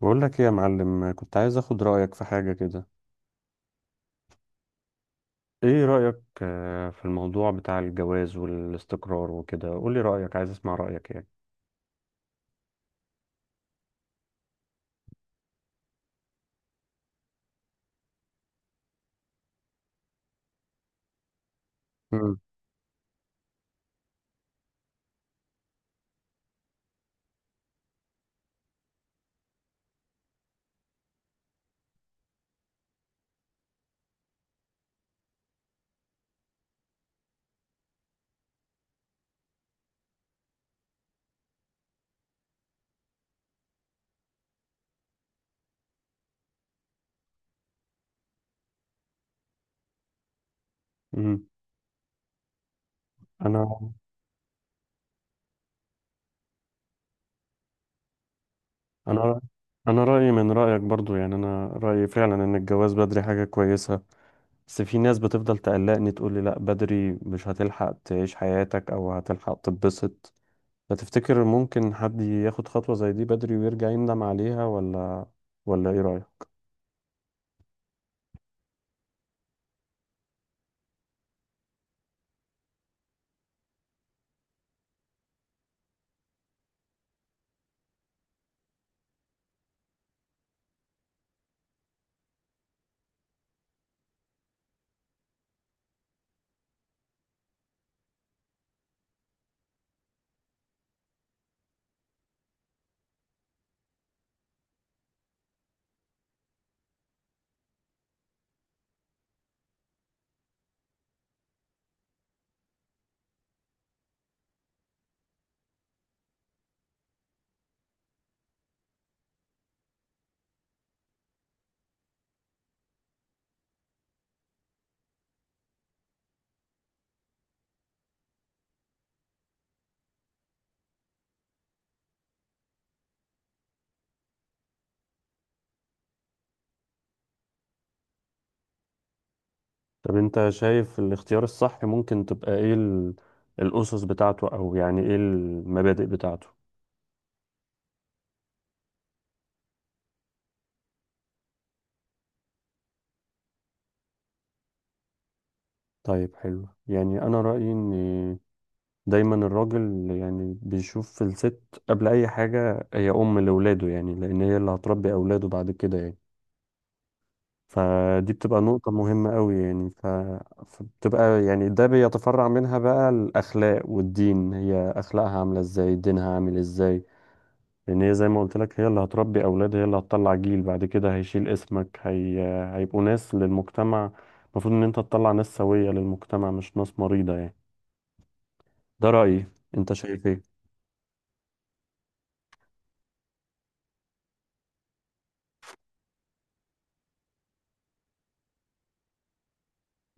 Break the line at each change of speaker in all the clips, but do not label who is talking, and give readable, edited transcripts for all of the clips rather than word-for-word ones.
بقول لك ايه يا معلم، كنت عايز اخد رأيك في حاجة كده. ايه رأيك في الموضوع بتاع الجواز والاستقرار وكده، قول لي رأيك، عايز اسمع رأيك يعني. مم. امم. انا انا انا رأيي من رأيك برضو، يعني انا رأيي فعلا ان الجواز بدري حاجة كويسة. بس في ناس بتفضل تقلقني تقول لي لا بدري مش هتلحق تعيش حياتك او هتلحق تتبسط. فتفتكر ممكن حد ياخد خطوة زي دي بدري ويرجع يندم عليها ولا ايه رأيك؟ طب انت شايف الاختيار الصح ممكن تبقى ايه الأسس بتاعته، او يعني ايه المبادئ بتاعته؟ طيب حلو. يعني انا رأيي ان دايما الراجل يعني بيشوف الست قبل اي حاجة هي ام لولاده، يعني لان هي اللي هتربي اولاده بعد كده يعني. فدي بتبقى نقطة مهمة قوي يعني فبتبقى يعني ده بيتفرع منها بقى الأخلاق والدين، هي أخلاقها عاملة ازاي، دينها عامل ازاي. لان هي زي ما قلت لك هي اللي هتربي اولاد، هي اللي هتطلع جيل بعد كده هيشيل اسمك، هيبقوا ناس للمجتمع. المفروض ان انت تطلع ناس سوية للمجتمع مش ناس مريضة يعني. ده رأيي، انت شايف ايه؟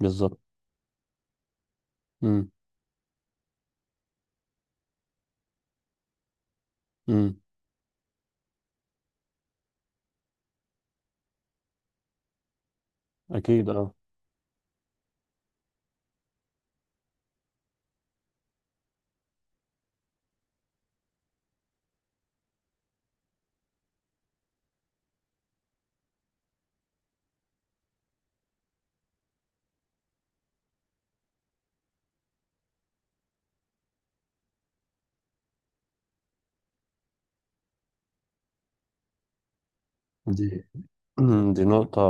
بالظبط. امم. امم. اكيد اه. دي دي نقطة،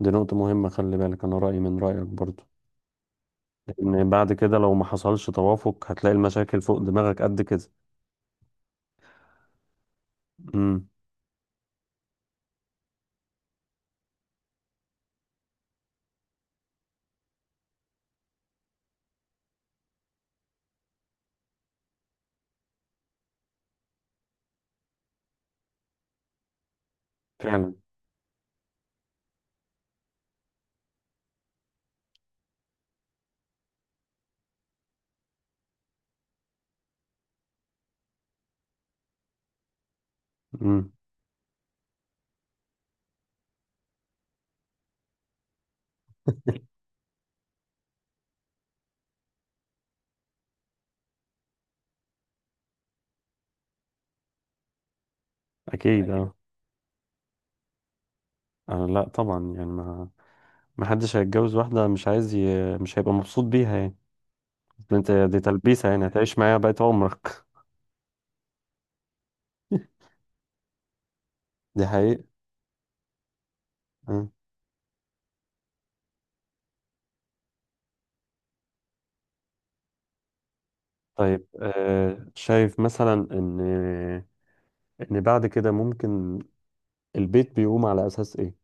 دي نقطة مهمة، خلي بالك انا رأيي من رأيك برضو. لان بعد كده لو ما حصلش توافق هتلاقي المشاكل فوق دماغك قد كده. امم. فعلا. امم. اكيد اه. لا طبعا، يعني ما، محدش هيتجوز واحدة مش عايز مش هيبقى مبسوط بيها يعني. أصل انت دي تلبيسة يعني، هتعيش معاها بقية عمرك. دي حقيقة. آه. طيب آه، شايف مثلا ان ان بعد كده ممكن البيت بيقوم على اساس ايه؟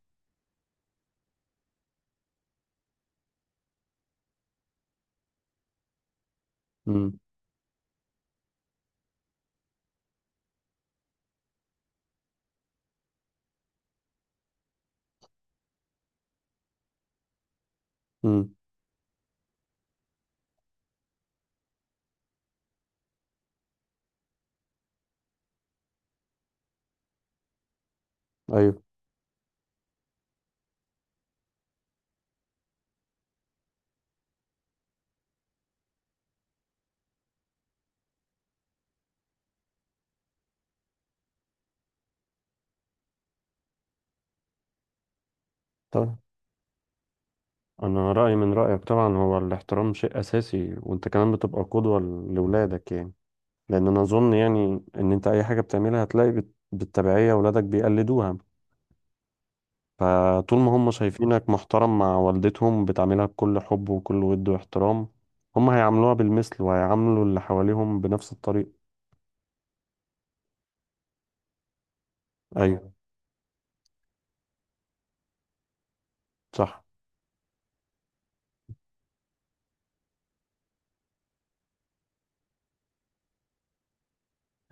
امم. امم. ايوه. طيب انا رأيي من رأيك طبعا، هو الاحترام شيء اساسي، وانت كمان بتبقى قدوة لاولادك يعني. لان انا اظن يعني ان انت اي حاجة بتعملها هتلاقي بالتبعية اولادك بيقلدوها. فطول ما هم شايفينك محترم مع والدتهم، بتعاملها بكل حب وكل ود واحترام، هم هيعاملوها بالمثل وهيعاملوا اللي حواليهم بنفس الطريقة. أيوة. صح.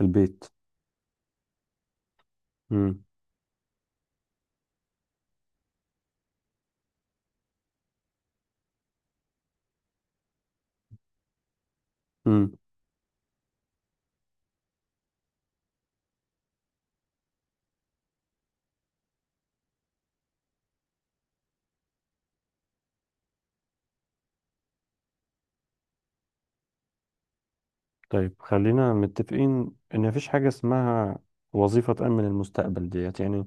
البيت. مم. مم. طيب خلينا متفقين إن مفيش حاجة اسمها وظيفة تأمن المستقبل ديت يعني.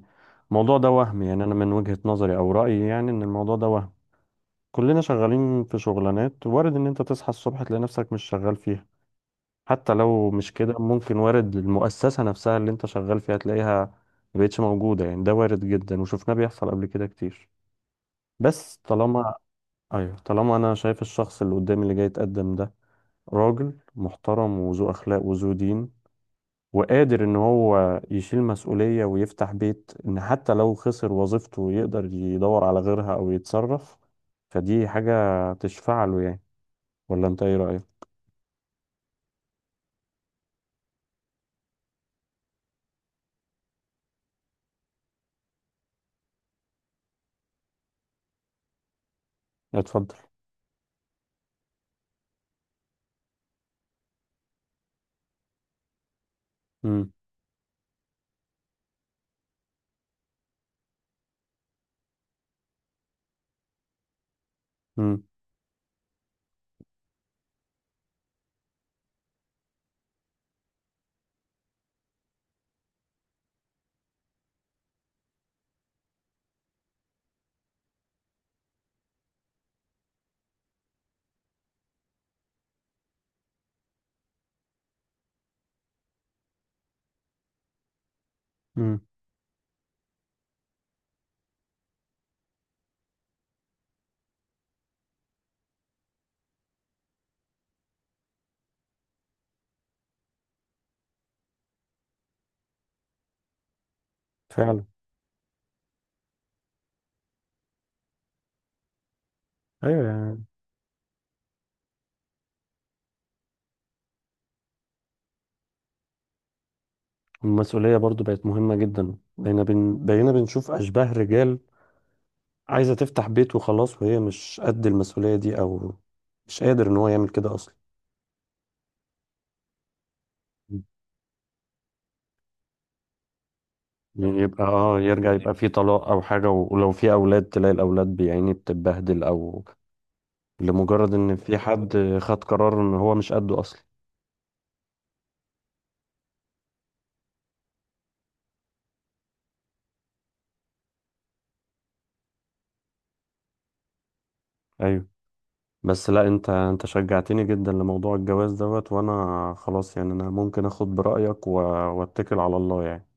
الموضوع ده وهم، يعني أنا من وجهة نظري أو رأيي يعني إن الموضوع ده وهم. كلنا شغالين في شغلانات، وارد إن أنت تصحى الصبح تلاقي نفسك مش شغال فيها. حتى لو مش كده ممكن وارد المؤسسة نفسها اللي انت شغال فيها تلاقيها مبقتش موجودة، يعني ده وارد جدا وشفناه بيحصل قبل كده كتير. بس طالما، ايوه، طالما انا شايف الشخص اللي قدامي اللي جاي يتقدم ده راجل محترم وذو اخلاق وذو دين، وقادر ان هو يشيل مسؤولية ويفتح بيت، ان حتى لو خسر وظيفته يقدر يدور على غيرها او يتصرف، فدي حاجة تشفع له يعني. ولا انت ايه رأيك؟ اتفضل. امم. امم. امم. فعلا. ايوه يعني. المسؤولية برضو بقت مهمة جدا، بقينا بقينا بنشوف أشباه رجال عايزة تفتح بيت وخلاص وهي مش قد المسؤولية دي، أو مش قادر إن هو يعمل كده أصلا. يعني يبقى اه يرجع يبقى في طلاق أو حاجة، ولو في أولاد تلاقي الأولاد يعني بتتبهدل، أو لمجرد إن في حد خد قرار إن هو مش قده أصلا. أيوه. بس لا، أنت أنت شجعتني جدا لموضوع الجواز دوت، وأنا خلاص يعني أنا ممكن أخد برأيك وأتكل على الله يعني.